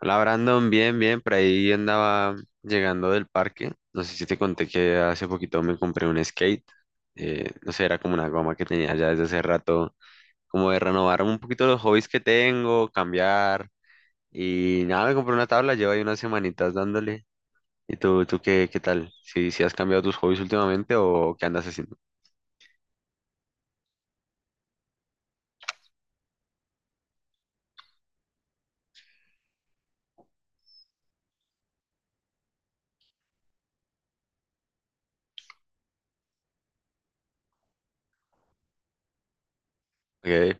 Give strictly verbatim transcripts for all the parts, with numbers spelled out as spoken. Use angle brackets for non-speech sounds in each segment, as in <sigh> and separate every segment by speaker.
Speaker 1: Hola Brandon, bien, bien, por ahí andaba llegando del parque. No sé si te conté que hace poquito me compré un skate. eh, no sé, era como una goma que tenía ya desde hace rato, como de renovar un poquito los hobbies que tengo, cambiar. Y nada, me compré una tabla, llevo ahí unas semanitas dándole. ¿Y tú, tú qué, qué tal? Si, si has cambiado tus hobbies últimamente o qué andas haciendo? Ok,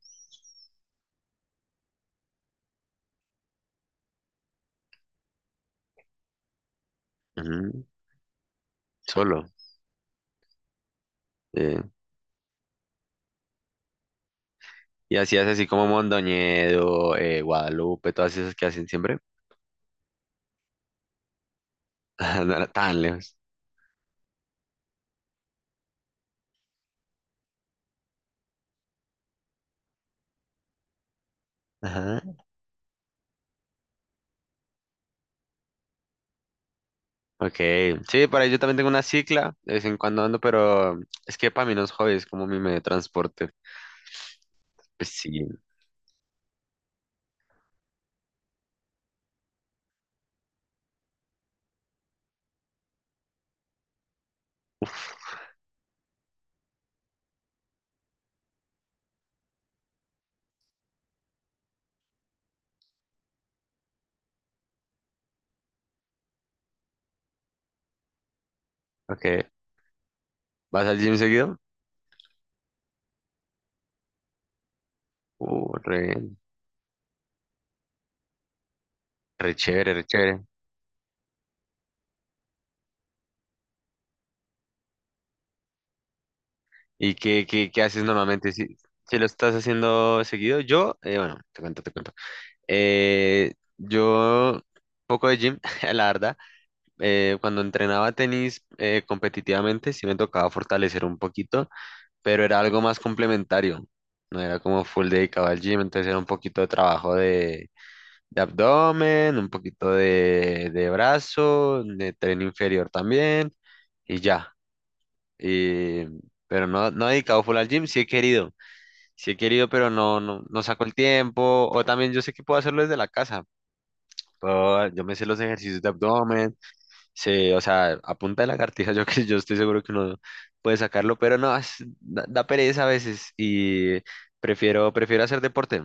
Speaker 1: ujú, Solo. eh, Y hacías así como Mondoñedo, eh, Guadalupe, todas esas que hacen siempre. <laughs> No era tan lejos. Ajá. Ok, sí, para ello también tengo una cicla, de vez en cuando ando, pero es que para mí no es hobby, es como mi medio de transporte. Pues sí, ok. ¿Vas al gym seguido? Uh, re, re chévere, re chévere. ¿Y qué, qué, qué haces normalmente si, si lo estás haciendo seguido? Yo, eh, bueno, te cuento, te cuento. Eh, yo, poco de gym, <laughs> la verdad. Eh, cuando entrenaba tenis eh, competitivamente, sí me tocaba fortalecer un poquito. Pero era algo más complementario. No era como full dedicado al gym, entonces era un poquito de trabajo de, de abdomen, un poquito de, de brazo, de tren inferior también, y ya. Y- pero no, no he dedicado full al gym, sí he querido, sí he querido, pero no, no, no saco el tiempo. O también yo sé que puedo hacerlo desde la casa. Puedo- yo me sé los ejercicios de abdomen. Sí, o sea, a punta de lagartija, <laughs> yo que yo estoy seguro que uno puede sacarlo, pero no, es- da, da pereza a veces y prefiero, prefiero hacer deporte.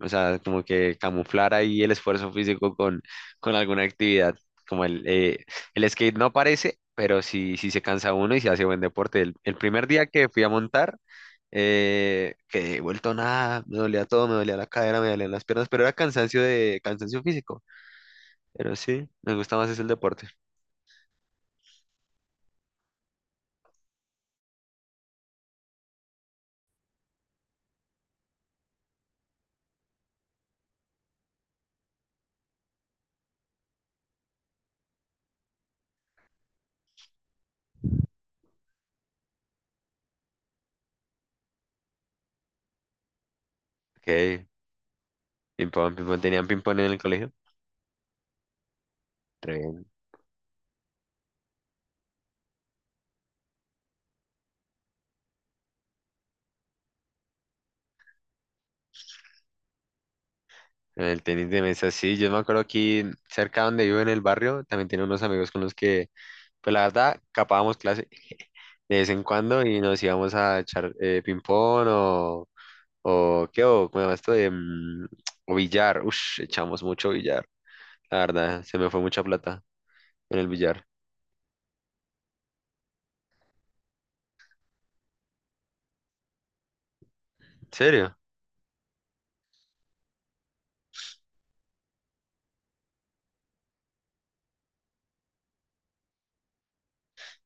Speaker 1: O sea, como que camuflar ahí el esfuerzo físico con, con alguna actividad. Como el, eh, el skate no parece, pero sí, sí se cansa uno y se hace buen deporte. El, el primer día que fui a montar, eh, que he vuelto nada, me dolía todo, me dolía la cadera, me dolían las piernas, pero era cansancio de cansancio físico. Pero sí, me gusta más es el deporte. Ok. Ping-pong, ping-pong. ¿Tenían ping-pong en el colegio? Re bien. En el tenis de mesa, sí. Yo me acuerdo aquí cerca donde vivo en el barrio, también tenía unos amigos con los que, pues la verdad, capábamos clase de vez en cuando y nos íbamos a echar eh, ping-pong o, o qué, o cómo se llama esto de mm, o billar. Ush, echamos mucho billar. La verdad, se me fue mucha plata en el billar. ¿En serio?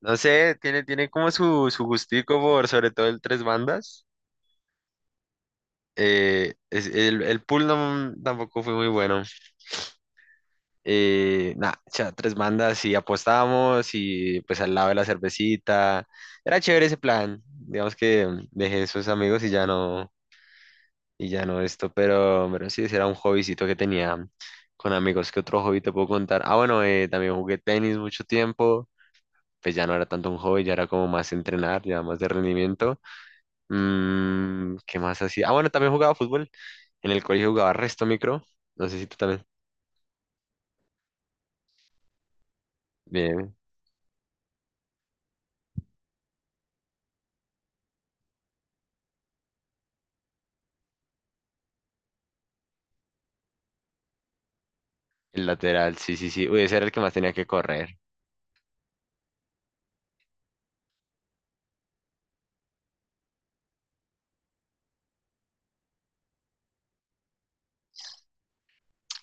Speaker 1: No sé, tiene, tiene como su, su gustico por sobre todo el tres bandas. Eh, es- el, el pool no, tampoco fue muy bueno. Eh, nada, o tres bandas y apostábamos y pues al lado de la cervecita. Era chévere ese plan. Digamos que mm, dejé esos amigos y ya no, y ya no esto, pero, pero sí, ese era un hobbycito que tenía mm, con amigos. ¿Qué otro hobby te puedo contar? Ah, bueno, eh, también jugué tenis mucho tiempo. Pues ya no era tanto un hobby, ya era como más entrenar, ya más de rendimiento. Mm, ¿qué más hacía? Ah, bueno, también jugaba fútbol. En el colegio jugaba resto micro. No sé si tú también. Bien. El lateral, sí, sí, sí. Uy, ese era el que más tenía que correr.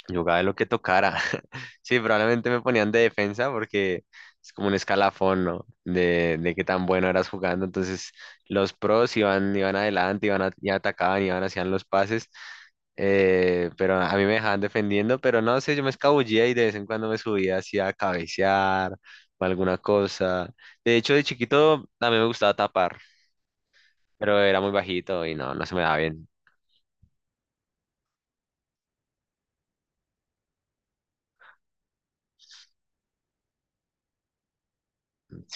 Speaker 1: Jugaba de lo que tocara. <laughs> Sí, probablemente me ponían de defensa porque es como un escalafón, ¿no? De, de qué tan bueno eras jugando. Entonces, los pros iban, iban adelante, iban a- y atacaban, iban, hacían los pases. Eh, pero a mí me dejaban defendiendo, pero no sé, yo me escabullía y de vez en cuando me subía así a cabecear o alguna cosa. De hecho, de chiquito a mí me gustaba tapar, pero era muy bajito y no, no se me daba bien.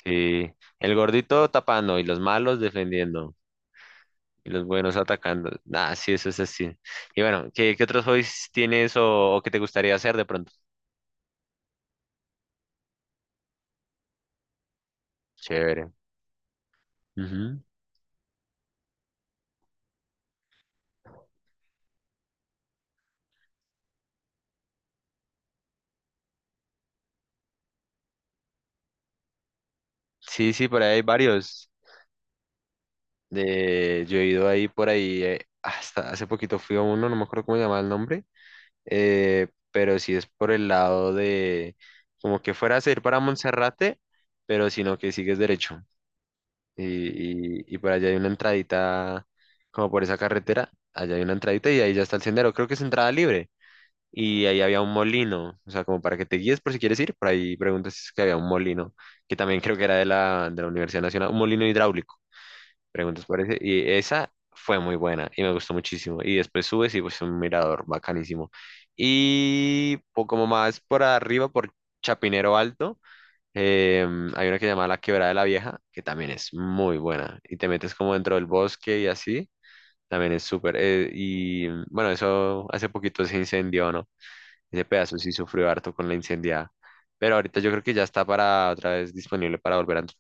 Speaker 1: Sí, el gordito tapando y los malos defendiendo y los buenos atacando. Nah, sí, eso es así. Y bueno, ¿qué, qué otros hobbies tienes o, o que te gustaría hacer de pronto? Chévere. Ujú. Sí, sí, por ahí hay varios. De, yo he ido ahí por ahí, eh, hasta hace poquito fui a uno, no me acuerdo cómo se llamaba el nombre, eh, pero sí es por el lado de como que fueras a ir para Monserrate, pero sino que sigues derecho. y, y- y por allá hay una entradita, como por esa carretera, allá hay una entradita y ahí ya está el sendero, creo que es entrada libre. Y ahí había un molino, o sea, como para que te guíes por si quieres ir, por ahí preguntas si es que había un molino, que también creo que era de la, de la Universidad Nacional, un molino hidráulico, preguntas por ese, y esa fue muy buena y me gustó muchísimo. Y después subes y pues un mirador bacanísimo. Y poco más por arriba, por Chapinero Alto Em, hay una que se llama La Quebrada de la Vieja, que también es muy buena. Y te metes como dentro del bosque y así, también es súper. eh, y bueno, eso hace poquito se incendió, ¿no? Ese pedazo sí sufrió harto con la incendiada. Pero ahorita yo creo que ya está para otra vez disponible para volver a entrar.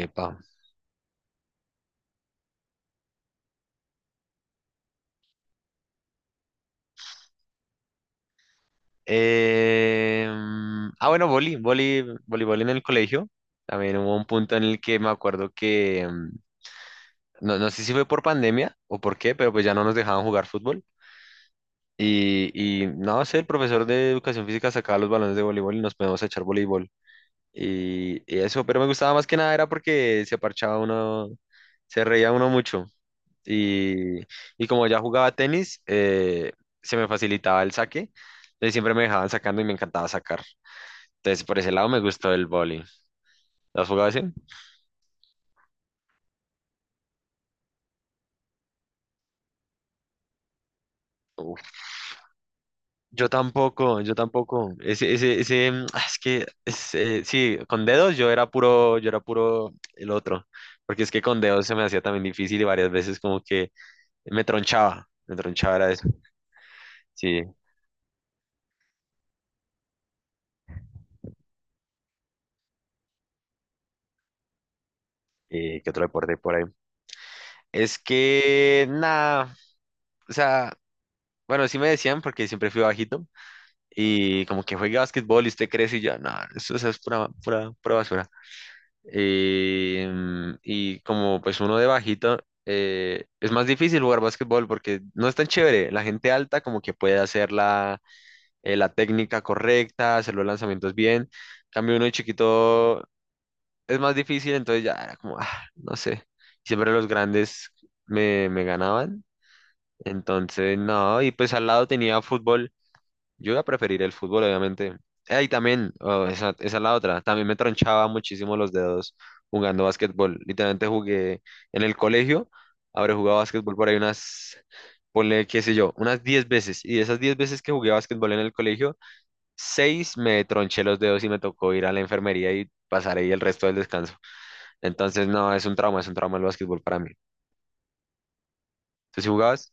Speaker 1: Epa. Em, ah, bueno, boli, boli, voleibol en el colegio. También hubo un punto en el que me acuerdo que, em, no, no sé si fue por pandemia o por qué, pero pues ya no nos dejaban jugar fútbol. Y, y no sé, el profesor de educación física sacaba los balones de voleibol y nos poníamos a echar voleibol. Y, y eso, pero me gustaba más que nada era porque se parchaba uno, se reía uno mucho. Y, y como ya jugaba tenis, eh, se me facilitaba el saque. Entonces siempre me dejaban sacando y me encantaba sacar. Entonces por ese lado me gustó el voleibol. ¿Lo has jugado así? Yo tampoco, yo tampoco. Ese, ese, ese, mm, ah, es que, es, eh, sí, con dedos yo era puro, yo era puro el otro, porque es que con dedos se me hacía también difícil y varias veces como que me tronchaba, me tronchaba era eso. Sí, eh, ¿qué otro deporte por ahí? Es que, nada, o sea, bueno, sí me decían porque siempre fui bajito y como que juegue básquetbol y usted crece y yo, no, eso, eso es pura, pura, pura basura. Eh, mm, y como pues uno de bajito, eh, es más difícil jugar básquetbol porque no es tan chévere. La gente alta como que puede hacer la, eh, la técnica correcta, hacer los lanzamientos bien. En cambio uno de chiquito es más difícil, entonces ya era como, ah, no sé. Siempre los grandes me, me ganaban. Entonces, no, y pues al lado tenía fútbol yo iba a preferir el fútbol, obviamente. Eh, Y también, oh, esa, esa es la otra, también me tronchaba muchísimo los dedos jugando básquetbol. Literalmente jugué en el colegio, habré jugado básquetbol por ahí unas, ponle, qué sé yo, unas diez veces. Y de esas diez veces que jugué básquetbol en el colegio, seis me tronché los dedos y me tocó ir a la enfermería y pasar ahí el resto del descanso. Entonces, no, es un trauma, es un trauma el básquetbol para mí. ¿Tú sí jugabas?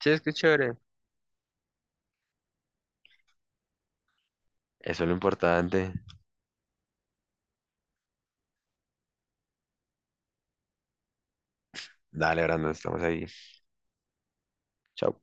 Speaker 1: Sí, es que es chévere. Eso es lo importante. Dale, Brandon, estamos ahí. Chao.